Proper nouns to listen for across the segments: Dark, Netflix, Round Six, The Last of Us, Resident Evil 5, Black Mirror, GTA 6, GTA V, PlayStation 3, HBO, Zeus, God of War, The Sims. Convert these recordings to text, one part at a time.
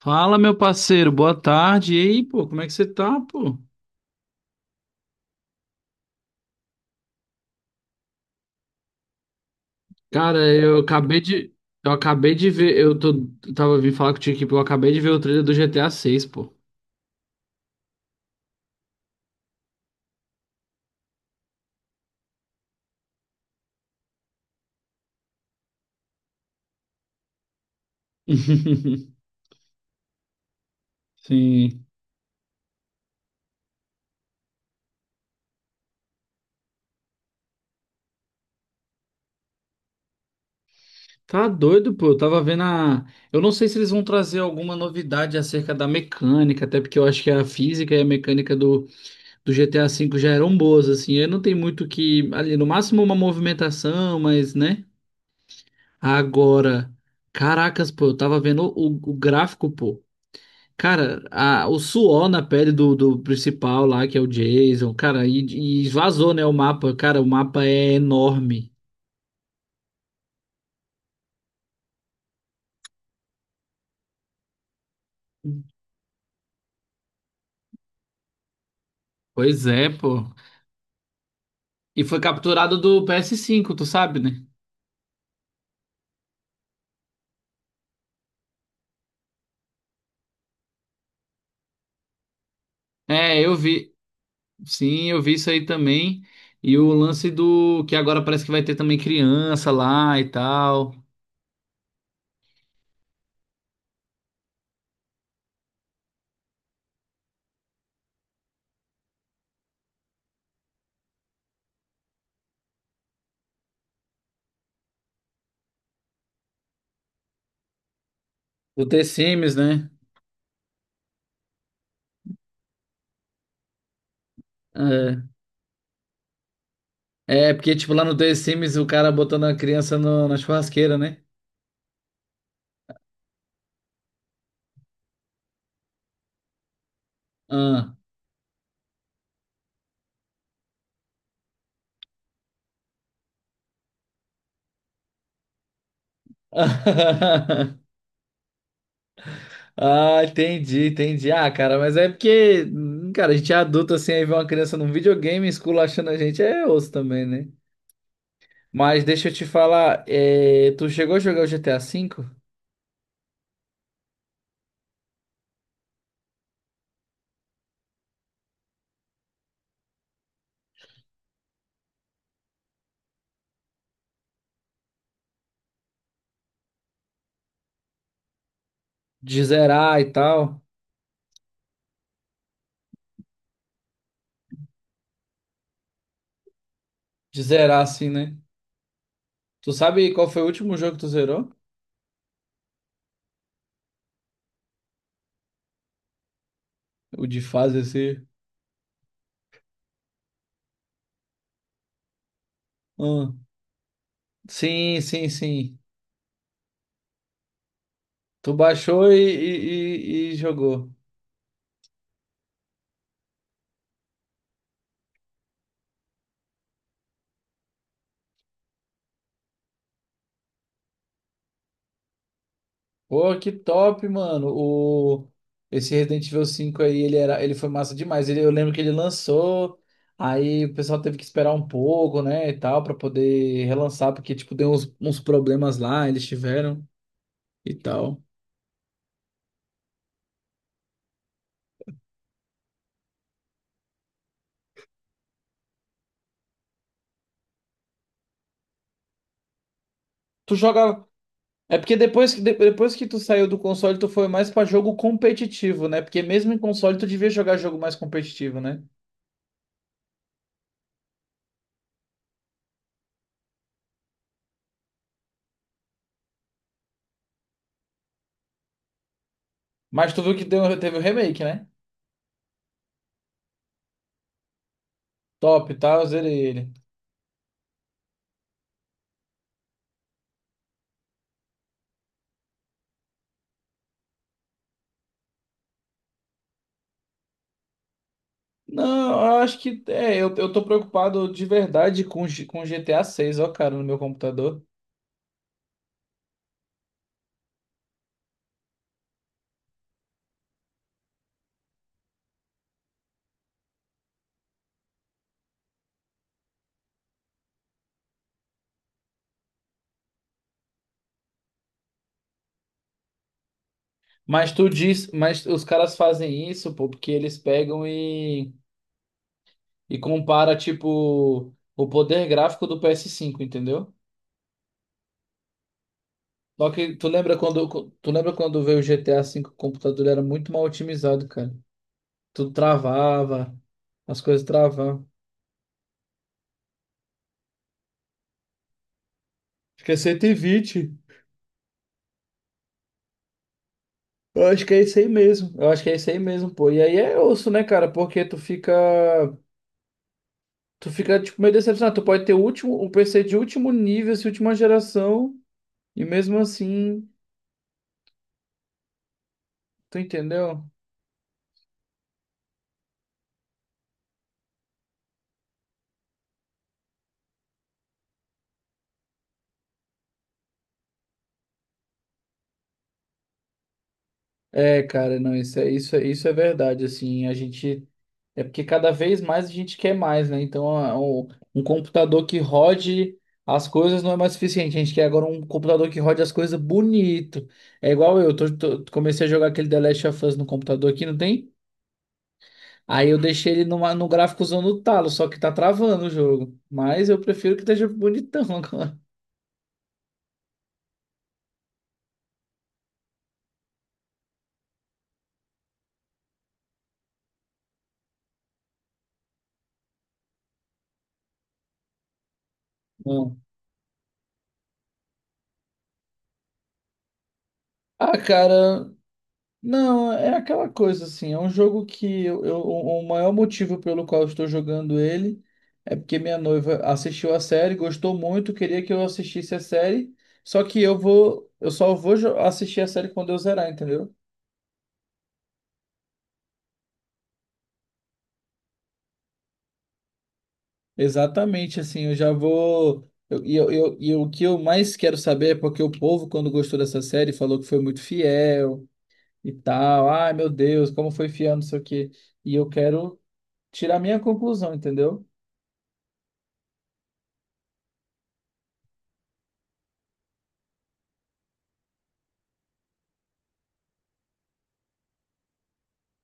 Fala, meu parceiro, boa tarde. E aí, pô, como é que você tá, pô? Cara, eu acabei de. Eu acabei de ver. Eu tava vindo falar contigo aqui, pô. Eu acabei de ver o trailer do GTA 6, pô. Sim. Tá doido, pô. Eu tava vendo a. Eu não sei se eles vão trazer alguma novidade acerca da mecânica, até porque eu acho que a física e a mecânica do GTA V já eram boas, assim. Eu não tem muito o que. Ali, no máximo uma movimentação, mas, né? Agora. Caracas, pô, eu tava vendo o gráfico, pô. Cara, o suor na pele do principal lá, que é o Jason, cara, e esvazou, né, o mapa. Cara, o mapa é enorme. Pois é, pô. E foi capturado do ps cinco, tu sabe, né? É, eu vi. Sim, eu vi isso aí também. E o lance do que agora parece que vai ter também criança lá e tal. O The Sims, né? É, é porque tipo lá no The Sims o cara botando a criança na churrasqueira, né? Ah. Ah, entendi, entendi. Ah, cara, mas é porque, cara, a gente é adulto assim, aí vê uma criança num videogame esculachando a gente, é osso também, né? Mas deixa eu te falar, é, tu chegou a jogar o GTA V? De zerar e tal? De zerar assim, né? Tu sabe qual foi o último jogo que tu zerou? O de fase assim. Ah, sim, sim, sim. Tu baixou e jogou. Pô, que top, mano. O... Esse Resident Evil cinco aí, ele era... ele foi massa demais. Ele... Eu lembro que ele lançou, aí o pessoal teve que esperar um pouco, né, e tal, pra poder relançar, porque, tipo, deu uns problemas lá, eles tiveram e tal. Tu jogava. É porque depois depois que tu saiu do console, tu foi mais pra jogo competitivo, né? Porque mesmo em console, tu devia jogar jogo mais competitivo, né? Mas tu viu que deu... teve o remake, né? Top, tá? Eu zerei ele. Não, eu acho que é, eu tô preocupado de verdade com, com GTA 6, ó, cara, no meu computador. Mas tu diz, mas os caras fazem isso, pô, porque eles pegam e compara, tipo, o poder gráfico do PS5, entendeu? Só que tu lembra quando veio o GTA 5, o computador era muito mal otimizado, cara. Tudo travava, as coisas travavam. Acho que é 120. Eu acho que é isso aí mesmo. Eu acho que é isso aí mesmo, pô. E aí é osso, né, cara? Porque tu fica. Tu fica, tipo, meio decepcionado. Tu pode ter o último, um PC de último nível, assim, última geração, e mesmo assim, tu entendeu? É, cara, não, isso é verdade, assim, a gente... É porque cada vez mais a gente quer mais, né? Então, um computador que rode as coisas não é mais suficiente. A gente quer agora um computador que rode as coisas bonito. É igual eu, comecei a jogar aquele The Last of Us no computador aqui, não tem? Aí eu deixei ele numa, no gráficozão no talo, só que tá travando o jogo. Mas eu prefiro que esteja bonitão agora. Não. Ah, cara, não, é aquela coisa assim. É um jogo que o maior motivo pelo qual eu estou jogando ele é porque minha noiva assistiu a série, gostou muito, queria que eu assistisse a série. Só que eu só vou assistir a série quando eu zerar, entendeu? Exatamente, assim, eu já vou. E o que eu mais quero saber é porque o povo, quando gostou dessa série, falou que foi muito fiel e tal. Ai, meu Deus, como foi fiel, não sei o quê. E eu quero tirar minha conclusão, entendeu?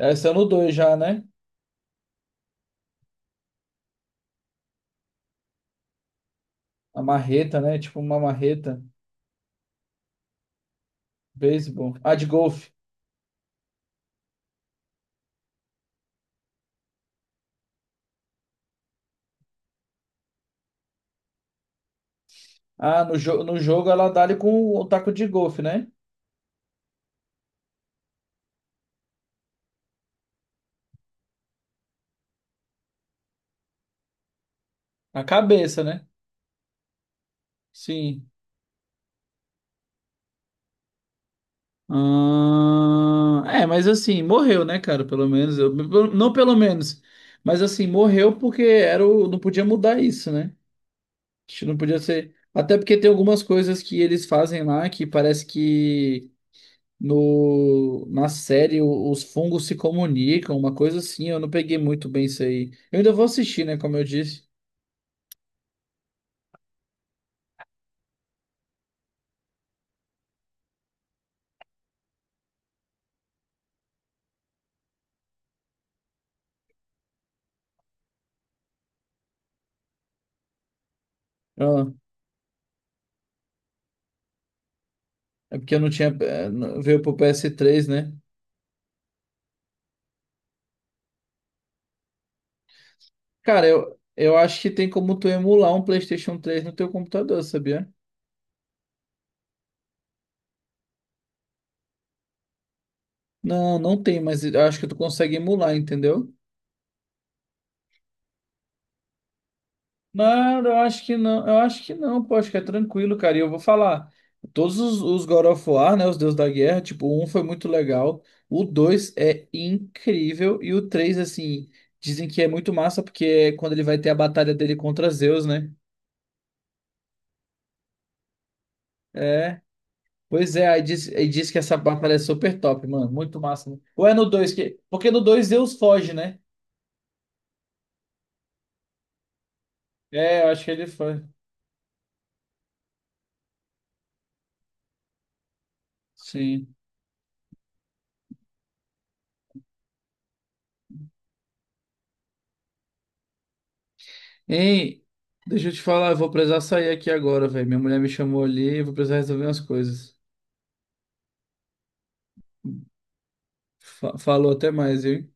Essa é no 2 já, né? A marreta, né? Tipo uma marreta. Beisebol. Ah, de golfe. Ah, no jogo ela dá ali com o taco de golfe, né? A cabeça, né? Sim. Ah, é, mas assim, morreu, né, cara? Pelo menos, eu, pelo- não pelo menos, mas assim, morreu porque era o, não podia mudar isso, né? A gente não podia ser. Até porque tem algumas coisas que eles fazem lá que parece que no, na série os fungos se comunicam, uma coisa assim. Eu não peguei muito bem isso aí. Eu ainda vou assistir, né? Como eu disse. Ah, é porque eu não tinha. Veio pro ps três, né? Cara, eu acho que tem como tu emular um PlayStation três no teu computador, sabia? Não, não tem, mas eu acho que tu consegue emular, entendeu? Nada, eu acho que não. Eu acho que não, pô, acho que é tranquilo, cara. E eu vou falar. Todos os God of War, né? Os Deus da Guerra, tipo, o um foi muito legal. O dois é incrível. E o três, assim, dizem que é muito massa, porque é quando ele vai ter a batalha dele contra Zeus, né? É. Pois é, aí diz que essa batalha é super top, mano. Muito massa, né? Ou é no dois que. Porque no dois Zeus foge, né? É, eu acho que ele foi. Sim. Ei, deixa eu te falar, eu vou precisar sair aqui agora, velho. Minha mulher me chamou ali, eu vou precisar resolver umas coisas. Falou até mais, viu?